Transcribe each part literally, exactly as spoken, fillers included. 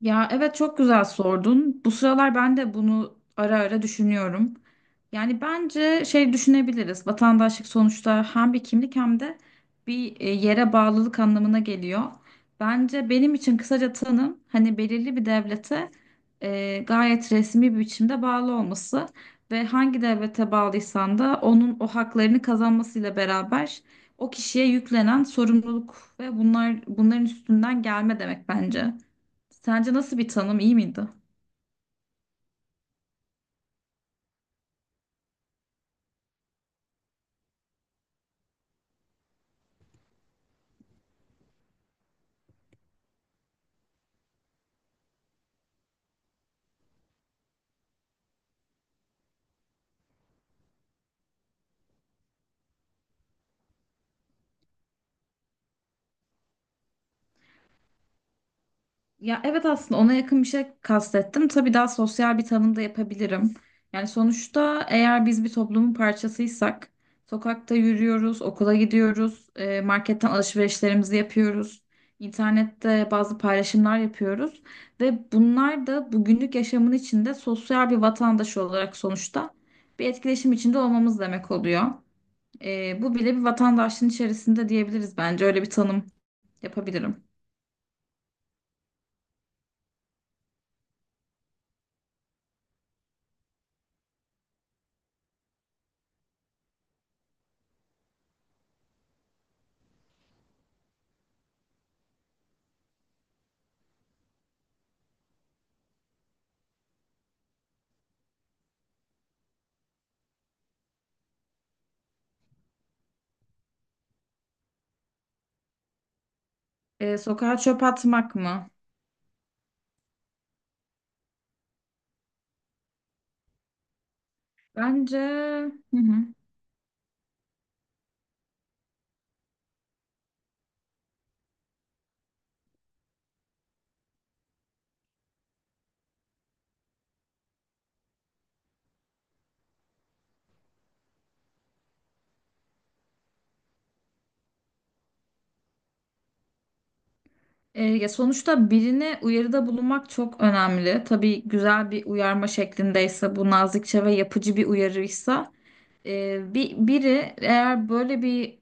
Ya evet çok güzel sordun. Bu sıralar ben de bunu ara ara düşünüyorum. Yani bence şey düşünebiliriz. Vatandaşlık sonuçta hem bir kimlik hem de bir e, yere bağlılık anlamına geliyor. Bence benim için kısaca tanım hani belirli bir devlete e, gayet resmi bir biçimde bağlı olması ve hangi devlete bağlıysan da onun o haklarını kazanmasıyla beraber o kişiye yüklenen sorumluluk ve bunlar bunların üstünden gelme demek bence. Sence nasıl bir tanım, iyi miydi? Ya evet aslında ona yakın bir şey kastettim. Tabii daha sosyal bir tanım da yapabilirim. Yani sonuçta eğer biz bir toplumun parçasıysak sokakta yürüyoruz, okula gidiyoruz, e, marketten alışverişlerimizi yapıyoruz, internette bazı paylaşımlar yapıyoruz ve bunlar da bugünlük yaşamın içinde sosyal bir vatandaş olarak sonuçta bir etkileşim içinde olmamız demek oluyor. E, bu bile bir vatandaşlığın içerisinde diyebiliriz bence. Öyle bir tanım yapabilirim. E, sokağa çöp atmak mı? Bence hı hı. E, ya sonuçta birine uyarıda bulunmak çok önemli. Tabii güzel bir uyarma şeklindeyse, bu nazikçe ve yapıcı bir uyarıysa Ee, bir, biri eğer böyle bir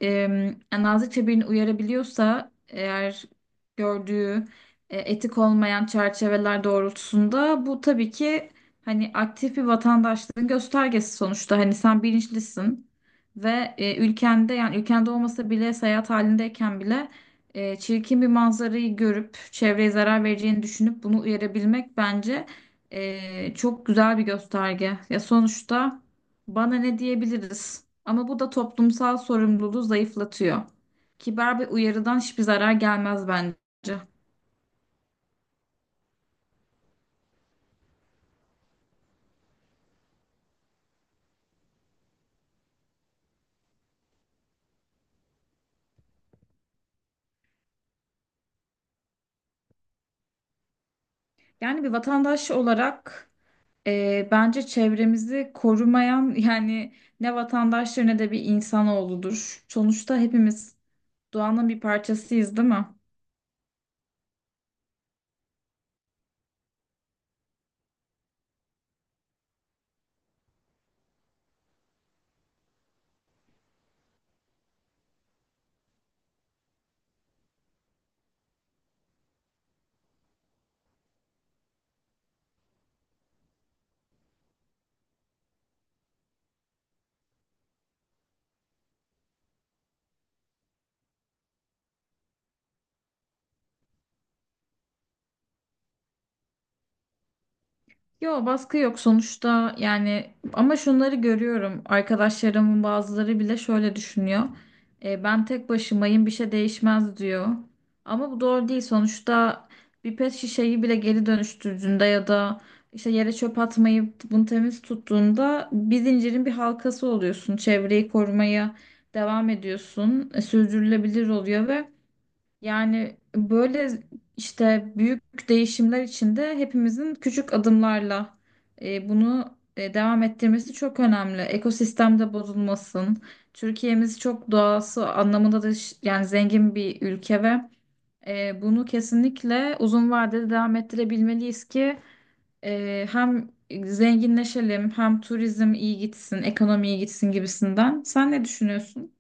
e, nazikçe birini uyarabiliyorsa eğer gördüğü e, etik olmayan çerçeveler doğrultusunda, bu tabii ki hani aktif bir vatandaşlığın göstergesi. Sonuçta hani sen bilinçlisin ve e, ülkende, yani ülkende olmasa bile seyahat halindeyken bile e, çirkin bir manzarayı görüp çevreye zarar vereceğini düşünüp bunu uyarabilmek bence e, çok güzel bir gösterge. Ya sonuçta bana ne diyebiliriz? Ama bu da toplumsal sorumluluğu zayıflatıyor. Kibar bir uyarıdan hiçbir zarar gelmez bence. Yani bir vatandaş olarak e, bence çevremizi korumayan yani ne vatandaştır ne de bir insanoğludur. Sonuçta hepimiz doğanın bir parçasıyız, değil mi? Yo, baskı yok sonuçta, yani. Ama şunları görüyorum, arkadaşlarımın bazıları bile şöyle düşünüyor: E, ben tek başımayım bir şey değişmez diyor. Ama bu doğru değil. Sonuçta bir pet şişeyi bile geri dönüştürdüğünde ya da işte yere çöp atmayıp bunu temiz tuttuğunda bir zincirin bir halkası oluyorsun, çevreyi korumaya devam ediyorsun. E, sürdürülebilir oluyor ve yani böyle işte büyük değişimler içinde hepimizin küçük adımlarla e, bunu e, devam ettirmesi çok önemli. Ekosistemde bozulmasın. Türkiye'miz çok doğası anlamında da ş- yani zengin bir ülke ve e, bunu kesinlikle uzun vadede devam ettirebilmeliyiz ki e, hem zenginleşelim, hem turizm iyi gitsin, ekonomi iyi gitsin gibisinden. Sen ne düşünüyorsun?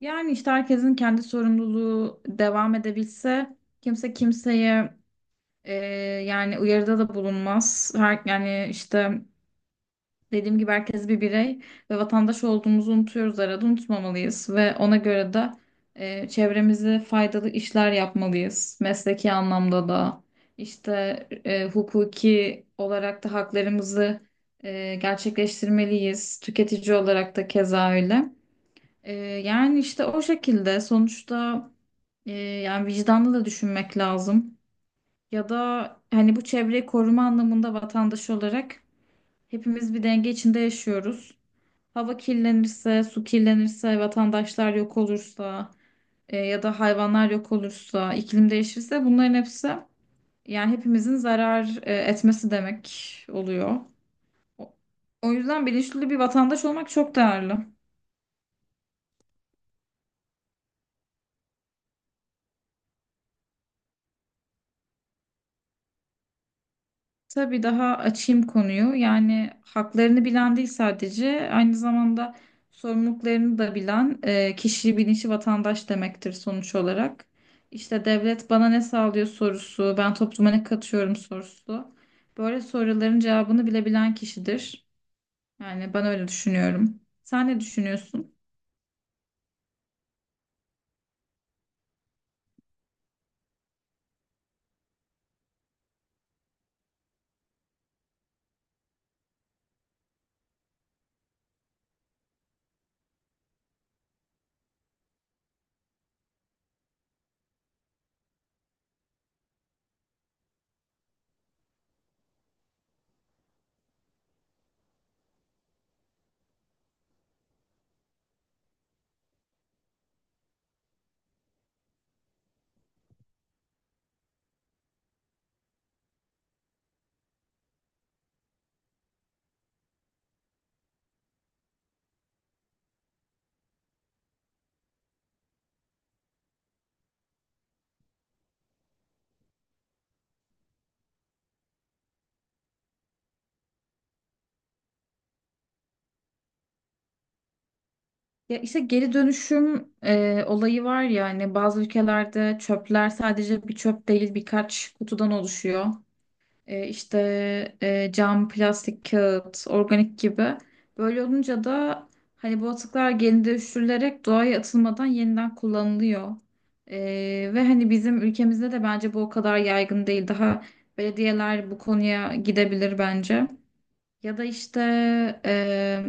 Yani işte herkesin kendi sorumluluğu devam edebilse kimse kimseye e, yani uyarıda da bulunmaz. Her, yani işte dediğim gibi herkes bir birey ve vatandaş olduğumuzu unutuyoruz arada, unutmamalıyız ve ona göre de e, çevremize faydalı işler yapmalıyız. Mesleki anlamda da işte e, hukuki olarak da haklarımızı e, gerçekleştirmeliyiz. Tüketici olarak da keza öyle. Ee, Yani işte o şekilde sonuçta e, yani vicdanlı da düşünmek lazım. Ya da hani bu çevreyi koruma anlamında vatandaş olarak hepimiz bir denge içinde yaşıyoruz. Hava kirlenirse, su kirlenirse, vatandaşlar yok olursa e, ya da hayvanlar yok olursa, iklim değişirse bunların hepsi yani hepimizin zarar e, etmesi demek oluyor. O o yüzden bilinçli bir vatandaş olmak çok değerli. Tabii daha açayım konuyu. Yani haklarını bilen değil sadece, aynı zamanda sorumluluklarını da bilen e, kişi bilinçli vatandaş demektir sonuç olarak. İşte devlet bana ne sağlıyor sorusu, ben topluma ne katıyorum sorusu. Böyle soruların cevabını bilebilen kişidir. Yani ben öyle düşünüyorum. Sen ne düşünüyorsun? Ya işte geri dönüşüm e, olayı var. Yani bazı ülkelerde çöpler sadece bir çöp değil, birkaç kutudan oluşuyor. E, işte e, cam, plastik, kağıt, organik gibi. Böyle olunca da hani bu atıklar geri dönüştürülerek doğaya atılmadan yeniden kullanılıyor. E, Ve hani bizim ülkemizde de bence bu o kadar yaygın değil. Daha belediyeler bu konuya gidebilir bence. Ya da işte e,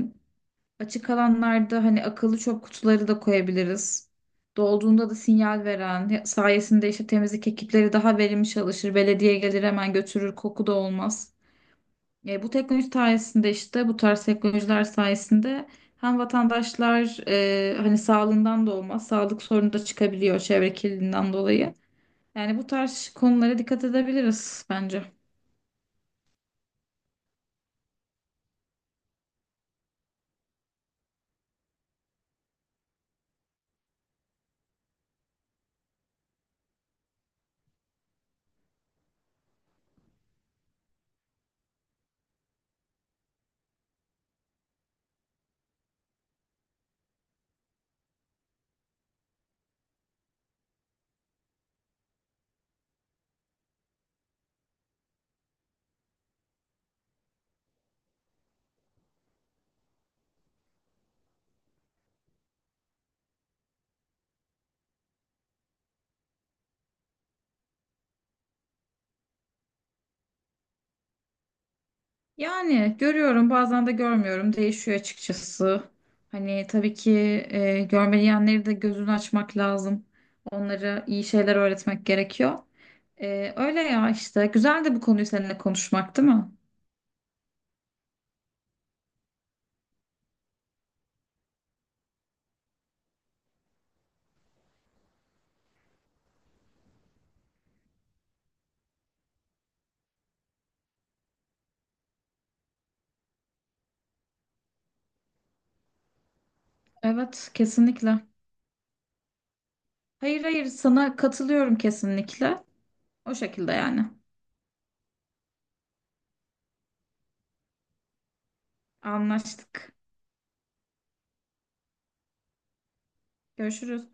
açık alanlarda hani akıllı çöp kutuları da koyabiliriz. Dolduğunda da sinyal veren sayesinde işte temizlik ekipleri daha verimli çalışır. Belediye gelir hemen götürür, koku da olmaz. E, bu teknoloji sayesinde, işte bu tarz teknolojiler sayesinde hem vatandaşlar e, hani sağlığından da olmaz, sağlık sorunu da çıkabiliyor çevre kirliliğinden dolayı. Yani bu tarz konulara dikkat edebiliriz bence. Yani görüyorum, bazen de görmüyorum, değişiyor açıkçası. Hani tabii ki e, görmeyenleri de gözünü açmak lazım. Onlara iyi şeyler öğretmek gerekiyor. E, öyle ya, işte güzel de bu konuyu seninle konuşmak, değil mi? Evet, kesinlikle. Hayır hayır, sana katılıyorum kesinlikle. O şekilde yani. Anlaştık. Görüşürüz.